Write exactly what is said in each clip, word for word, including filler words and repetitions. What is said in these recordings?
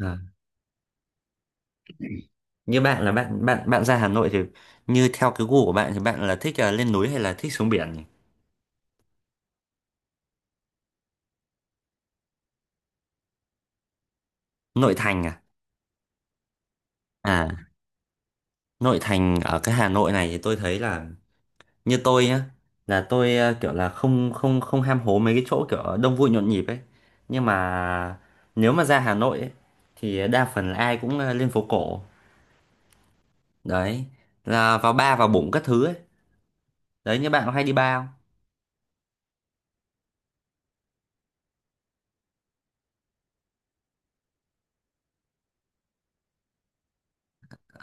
À, như bạn là bạn bạn bạn ra Hà Nội thì như theo cái gu của bạn thì bạn là thích à, lên núi hay là thích xuống biển nhỉ? Nội thành à? À, nội thành ở cái Hà Nội này thì tôi thấy là như tôi nhá, là tôi à, kiểu là không không không ham hố mấy cái chỗ kiểu đông vui nhộn nhịp ấy. Nhưng mà nếu mà ra Hà Nội ấy, thì đa phần là ai cũng à, lên phố cổ. Đấy, là vào bar vào bụng các thứ ấy. Đấy như bạn có hay đi bar không?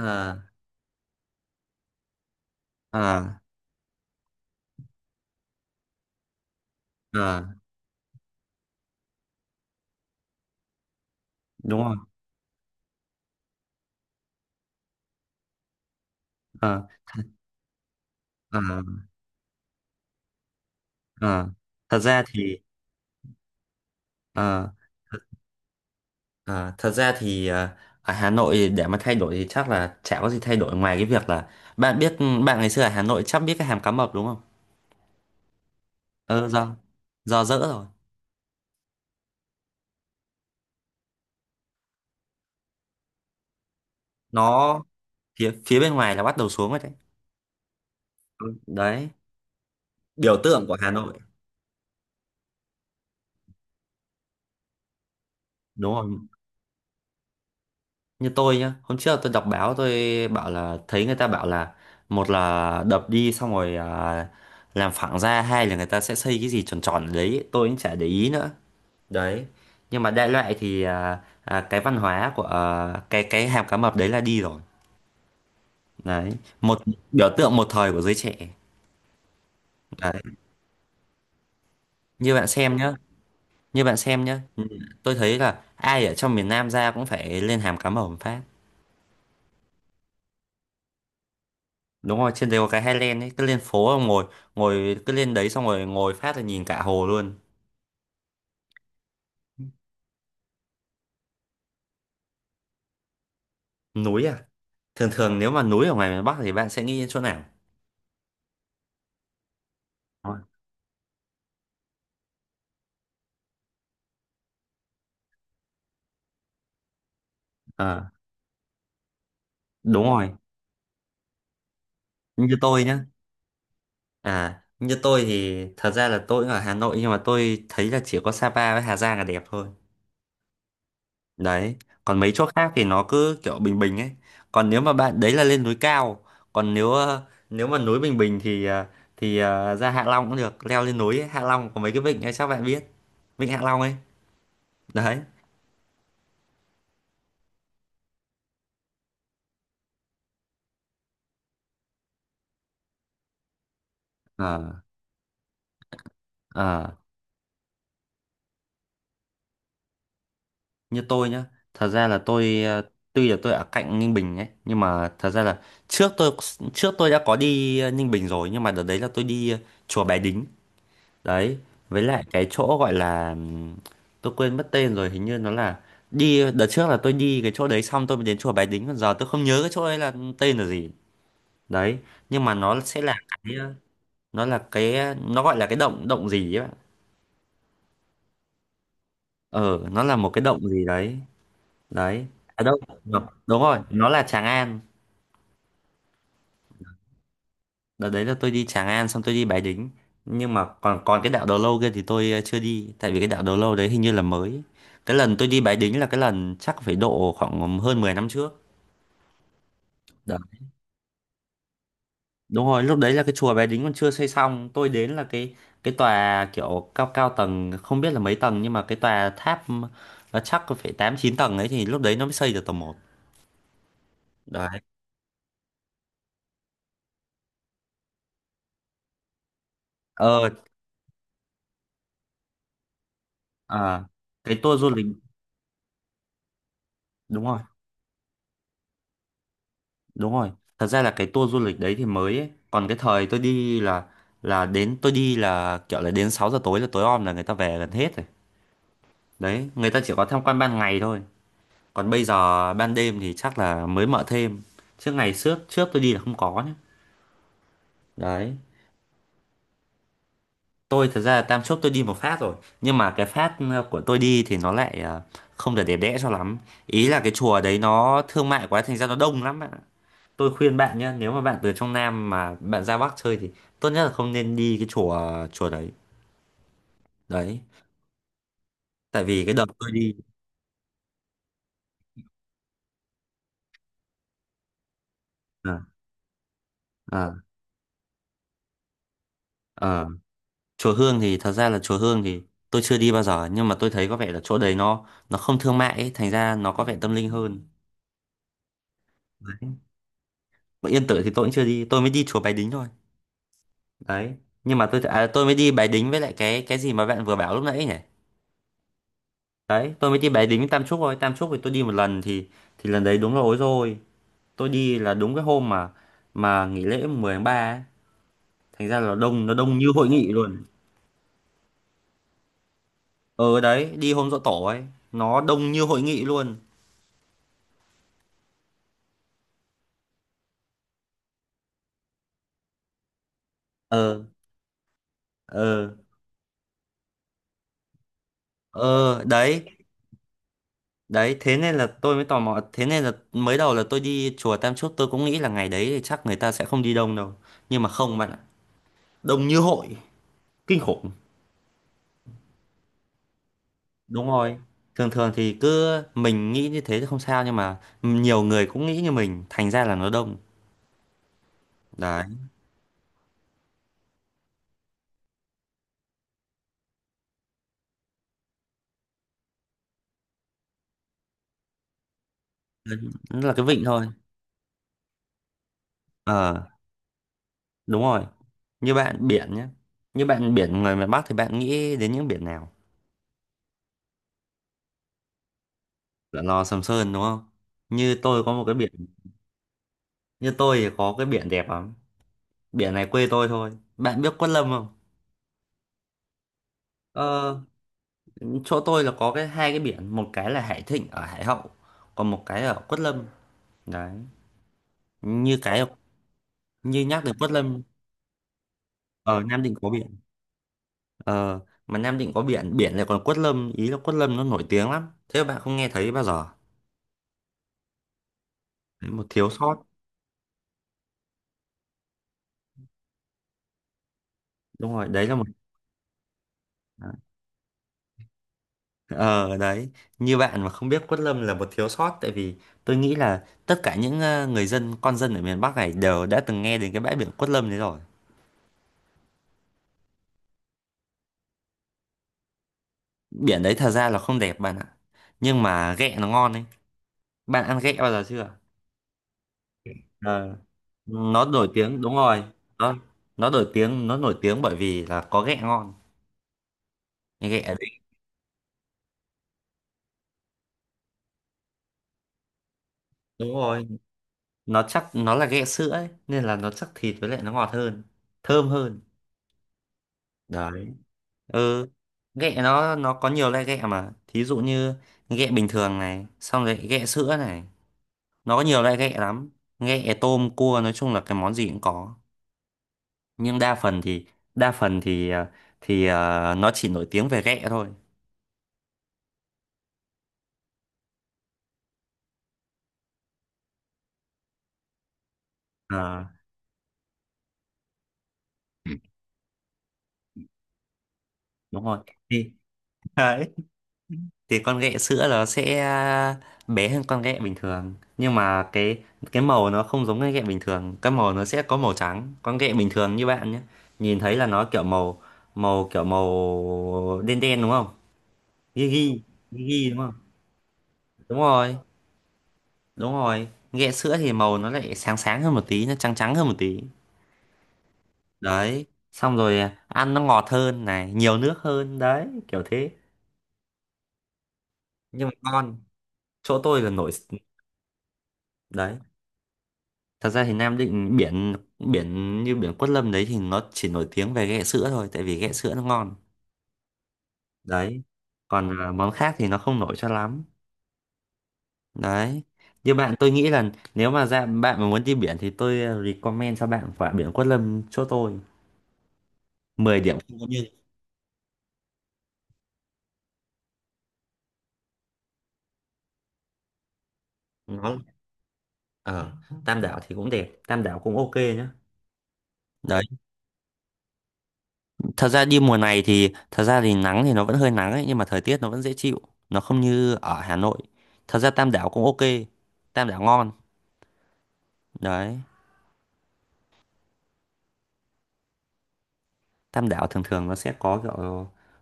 Ờ, ờ, ờ, đúng rồi. Ờ, ờ. Ờ, thật ra thì ờ, ờ, thật ra thì ờ, ở Hà Nội để mà thay đổi thì chắc là chả có gì thay đổi ngoài cái việc là bạn biết bạn ngày xưa ở Hà Nội chắc biết cái hàm cá mập đúng không? Ờ, do do dỡ rồi. Nó phía phía bên ngoài là bắt đầu xuống rồi đấy. Ừ, đấy, biểu tượng của Hà Nội. Đúng rồi, như tôi nhá, hôm trước tôi đọc báo, tôi bảo là thấy người ta bảo là một là đập đi xong rồi ờ, làm phẳng ra, hai là người ta sẽ xây cái gì tròn tròn ở đấy, tôi cũng chả để ý nữa. Đấy, nhưng mà đại loại thì à, à, cái văn hóa của à, cái cái hàm cá mập đấy là đi rồi. Đấy, một biểu tượng một thời của giới trẻ. Đấy, như bạn xem nhá như bạn xem nhá ừ, tôi thấy là ai ở trong miền Nam ra cũng phải lên hàm cá mập một phát. Đúng rồi, trên đấy có cái Highland ấy, cứ lên phố mà ngồi, ngồi cứ lên đấy xong rồi ngồi phát là nhìn cả hồ luôn. Núi à? Thường thường nếu mà núi ở ngoài miền Bắc thì bạn sẽ nghĩ đến chỗ nào? Đúng rồi. Ờ, đúng rồi. Như tôi nhá. À, như tôi thì thật ra là tôi cũng ở Hà Nội nhưng mà tôi thấy là chỉ có Sapa với Hà Giang là đẹp thôi. Đấy, còn mấy chỗ khác thì nó cứ kiểu bình bình ấy. Còn nếu mà bạn đấy là lên núi cao, còn nếu ờ, nếu mà núi bình bình thì ờ, thì ờ, ra Hạ Long cũng được, leo lên núi ấy. Hạ Long có mấy cái vịnh ấy chắc bạn biết. Vịnh Hạ Long ấy. Đấy. Ờ, ờ. Như tôi nhá, thật ra là tôi ờ, tuy là tôi ở cạnh Ninh Bình ấy nhưng mà thật ra là trước tôi trước tôi đã có đi ờ, Ninh Bình rồi, nhưng mà đợt đấy là tôi đi ờ, chùa Bái Đính đấy, với lại cái chỗ gọi là ừm, tôi quên mất tên rồi, hình như nó là, đi đợt trước là tôi đi cái chỗ đấy xong tôi mới đến chùa Bái Đính, còn giờ tôi không nhớ cái chỗ đấy là tên là gì. Đấy, nhưng mà nó sẽ là cái ờ, nó là cái ờ, nó gọi là cái động động gì ấy bạn. Ờ, nó là một cái động gì đấy. Đấy, à đâu. Đúng đúng rồi, nó là Tràng An. Đợt đấy là tôi đi Tràng An xong tôi đi Bái Đính. Nhưng mà còn còn cái đảo Đầu Lâu kia thì tôi ờ, chưa đi. Tại vì cái đảo Đầu Lâu đấy hình như là mới. Cái lần tôi đi Bái Đính là cái lần chắc phải độ khoảng hơn mười năm trước. Đó. Đúng rồi, lúc đấy là cái chùa Bái Đính còn chưa xây xong. Tôi đến là cái cái tòa kiểu cao cao tầng, không biết là mấy tầng. Nhưng mà cái tòa tháp nó chắc có phải tám chín tầng ấy. Thì lúc đấy nó mới xây được tầng một. Đấy. Ờ, à, cái tour du lịch, đúng rồi. Đúng rồi. Thật ra là cái tour du lịch đấy thì mới ấy. Còn cái thời tôi đi là là đến tôi đi là kiểu là đến sáu giờ tối là tối om là người ta về gần hết rồi. Đấy, người ta chỉ có tham quan ban ngày thôi. Còn bây giờ ban đêm thì chắc là mới mở thêm. Chứ ngày trước trước tôi đi là không có nhé. Đấy. Tôi thật ra là Tam Chốt tôi đi một phát rồi. Nhưng mà cái phát ờ, của tôi đi thì nó lại à, không được đẹp đẽ cho lắm. Ý là cái chùa đấy nó thương mại quá thành ra nó đông lắm ạ. Tôi khuyên bạn nhé, nếu mà bạn từ trong Nam mà bạn ra Bắc chơi thì tốt nhất là không nên đi cái chùa chùa đấy. Đấy, tại vì cái đợt tôi đi, à, à, à, chùa Hương thì thật ra là chùa Hương thì tôi chưa đi bao giờ nhưng mà tôi thấy có vẻ là chỗ đấy nó nó không thương mại ấy, thành ra nó có vẻ tâm linh hơn. Đấy. Mà Yên Tử thì tôi cũng chưa đi, tôi mới đi chùa Bái Đính thôi. Đấy, nhưng mà tôi à, tôi mới đi Bái Đính với lại cái cái gì mà bạn vừa bảo lúc nãy nhỉ? Đấy, tôi mới đi Bái Đính với Tam Trúc thôi. Tam Trúc thì tôi đi một lần thì thì lần đấy đúng là ối rồi. Tôi đi là đúng cái hôm mà mà nghỉ lễ mười tháng ba ấy. Thành ra là đông, nó đông như hội nghị luôn. Ờ đấy, đi hôm giỗ tổ ấy, nó đông như hội nghị luôn. Ờ ờ ờ đấy, đấy, thế nên là tôi mới tò mò, thế nên là mới đầu là tôi đi chùa Tam Chốt tôi cũng nghĩ là ngày đấy thì chắc người ta sẽ không đi đông đâu. Nhưng mà không bạn ạ, đông như hội, kinh khủng. Đúng rồi. Thường thường thì cứ mình nghĩ như thế thì không sao nhưng mà nhiều người cũng nghĩ như mình, thành ra là nó đông. Đấy, nó là cái vịnh thôi. Ờ. Đúng rồi. Như bạn biển nhé. Như bạn biển người miền Bắc thì bạn nghĩ đến những biển nào? Là Lò Sầm Sơn đúng không? Như tôi có một cái biển, như tôi thì có cái biển đẹp lắm. Biển này quê tôi thôi. Bạn biết Quất Lâm không? Ờ, chỗ tôi là có cái hai cái biển, một cái là Hải Thịnh ở Hải Hậu, còn một cái ở Quất Lâm. Đấy. Như cái, như nhắc đến Quất Lâm ở Nam Định có biển. Ờ, mà Nam Định có biển, biển lại còn Quất Lâm, ý là Quất Lâm nó nổi tiếng lắm. Thế mà bạn không nghe thấy bao giờ. Đấy, một thiếu sót. Đúng rồi, đấy là một. Ờ đấy, như bạn mà không biết Quất Lâm là một thiếu sót, tại vì tôi nghĩ là tất cả những ờ, người dân con dân ở miền Bắc này đều đã từng nghe đến cái bãi biển Quất Lâm đấy rồi. Biển đấy thật ra là không đẹp bạn ạ. Nhưng mà ghẹ nó ngon ấy. Bạn ăn ghẹ bao giờ chưa? Ờ, nó nổi tiếng đúng rồi. Nó nó nổi tiếng nó nổi tiếng bởi vì là có ghẹ ngon. Cái ghẹ đấy đúng rồi. Nó chắc, nó là ghẹ sữa ấy nên là nó chắc thịt với lại nó ngọt hơn, thơm hơn. Đấy. Ừ, ghẹ nó nó có nhiều loại ghẹ mà thí dụ như ghẹ bình thường này xong rồi ghẹ sữa này, nó có nhiều loại ghẹ lắm, ghẹ tôm cua nói chung là cái món gì cũng có. Nhưng đa phần thì đa phần thì ờ, thì ờ, nó chỉ nổi tiếng về ghẹ thôi. Ờ, đúng rồi thì đấy, thì con ghẹ sữa nó sẽ à, bé hơn con ghẹ bình thường, nhưng mà cái cái màu nó không giống cái ghẹ bình thường, cái màu nó sẽ có màu trắng. Con ghẹ bình thường như bạn nhé, nhìn thấy là nó kiểu màu, màu kiểu màu đen đen đúng không? Ghi ghi ghi ghi đúng không? Đúng rồi, đúng rồi, ghẹ sữa thì màu nó lại sáng sáng hơn một tí, nó trắng trắng hơn một tí. Đấy, xong rồi à, ăn nó ngọt hơn này, nhiều nước hơn đấy, kiểu thế. Nhưng mà con, chỗ tôi là nổi đấy. Thật ra thì Nam Định biển biển như biển Quất Lâm đấy thì nó chỉ nổi tiếng về ghẹ sữa thôi, tại vì ghẹ sữa nó ngon. Đấy, còn à, món khác thì nó không nổi cho lắm. Đấy, như bạn tôi nghĩ là nếu mà ra bạn mà muốn đi biển thì tôi à, recommend cho bạn quả biển Quất Lâm chỗ tôi. Mười điểm không có nhưng, nó ở Tam Đảo thì cũng đẹp, Tam Đảo cũng ok nhá. Đấy, thật ra đi mùa này thì thật ra thì nắng thì nó vẫn hơi nắng ấy nhưng mà thời tiết nó vẫn dễ chịu, nó không như ở Hà Nội. Thật ra Tam Đảo cũng ok, Tam Đảo ngon. Đấy, Tam Đảo thường thường nó sẽ có kiểu,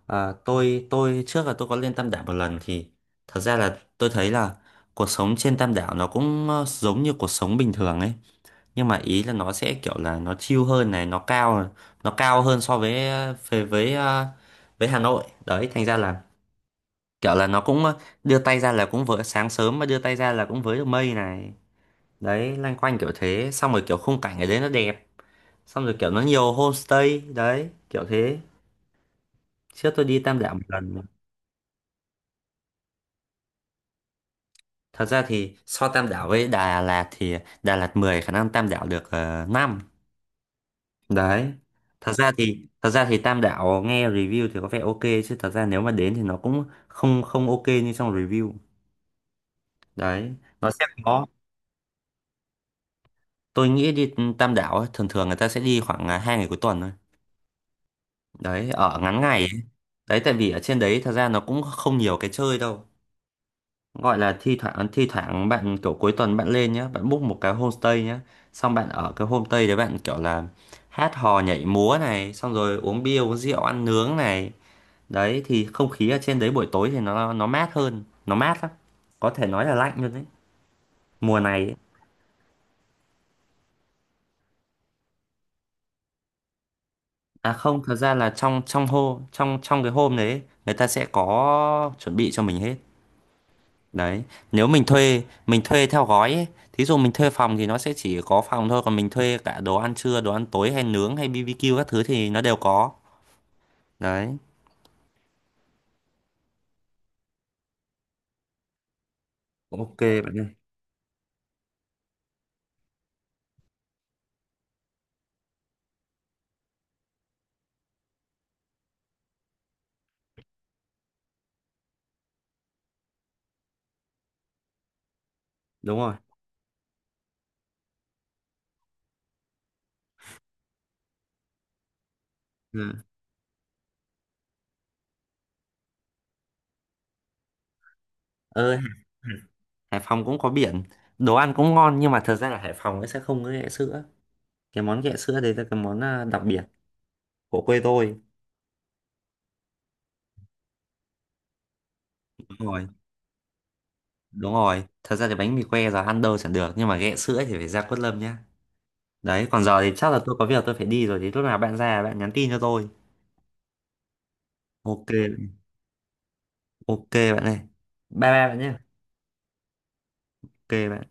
à, tôi tôi trước là tôi có lên Tam Đảo một lần thì thật ra là tôi thấy là cuộc sống trên Tam Đảo nó cũng ờ, giống như cuộc sống bình thường ấy, nhưng mà ý là nó sẽ kiểu là nó chill hơn này, nó cao nó cao hơn so với với với, ờ, với Hà Nội đấy, thành ra là kiểu là nó cũng ờ, đưa tay ra là cũng với, sáng sớm mà đưa tay ra là cũng với được mây này. Đấy, loanh quanh kiểu thế, xong rồi kiểu khung cảnh ở đấy nó đẹp, xong rồi kiểu nó nhiều homestay đấy, kiểu thế. Trước tôi đi Tam Đảo một lần mà. Thật ra thì so Tam Đảo với Đà Lạt thì Đà Lạt mười khả năng Tam Đảo được uh, năm. Đấy. Thật ra thì thật ra thì Tam Đảo nghe review thì có vẻ ok chứ thật ra nếu mà đến thì nó cũng không không ok như trong review. Đấy. Nó sẽ có, tôi nghĩ đi Tam Đảo ấy, thường thường người ta sẽ đi khoảng à, hai ngày cuối tuần thôi. Đấy, ở ngắn ngày ấy. Đấy, tại vì ở trên đấy thật ra nó cũng không nhiều cái chơi đâu. Gọi là thi thoảng thi thoảng bạn kiểu cuối tuần bạn lên nhá, bạn book một cái homestay nhá, xong bạn ở cái homestay đấy bạn kiểu là hát hò nhảy múa này, xong rồi uống bia uống rượu ăn nướng này. Đấy thì không khí ở trên đấy buổi tối thì nó nó mát hơn, nó mát lắm, có thể nói là lạnh luôn đấy, mùa này ấy. À không, thật ra là trong trong hô trong trong cái hôm đấy ấy, người ta sẽ có chuẩn bị cho mình hết. Đấy, nếu mình thuê, mình thuê theo gói ấy. Thí dụ mình thuê phòng thì nó sẽ chỉ có phòng thôi, còn mình thuê cả đồ ăn trưa, đồ ăn tối hay nướng hay bi bi kiu các thứ thì nó đều có. Đấy, ok bạn ơi. Đúng rồi. Ừ. Ờ, Hải Hải Phòng cũng có biển. Đồ ăn cũng ngon nhưng mà thật ra là Hải Phòng nó sẽ không có ghẹ sữa. Cái món ghẹ sữa đấy là cái món à, đặc biệt của quê tôi. Đúng rồi, đúng rồi. Thật ra thì bánh mì que giờ ăn đâu chẳng được nhưng mà ghẹ sữa thì phải ra Quất Lâm nhá. Đấy, còn giờ thì chắc là tôi có việc tôi phải đi rồi, thì lúc nào bạn ra bạn nhắn tin cho tôi. Ok. Ok bạn này, bye bye bạn nhé. Ok bạn.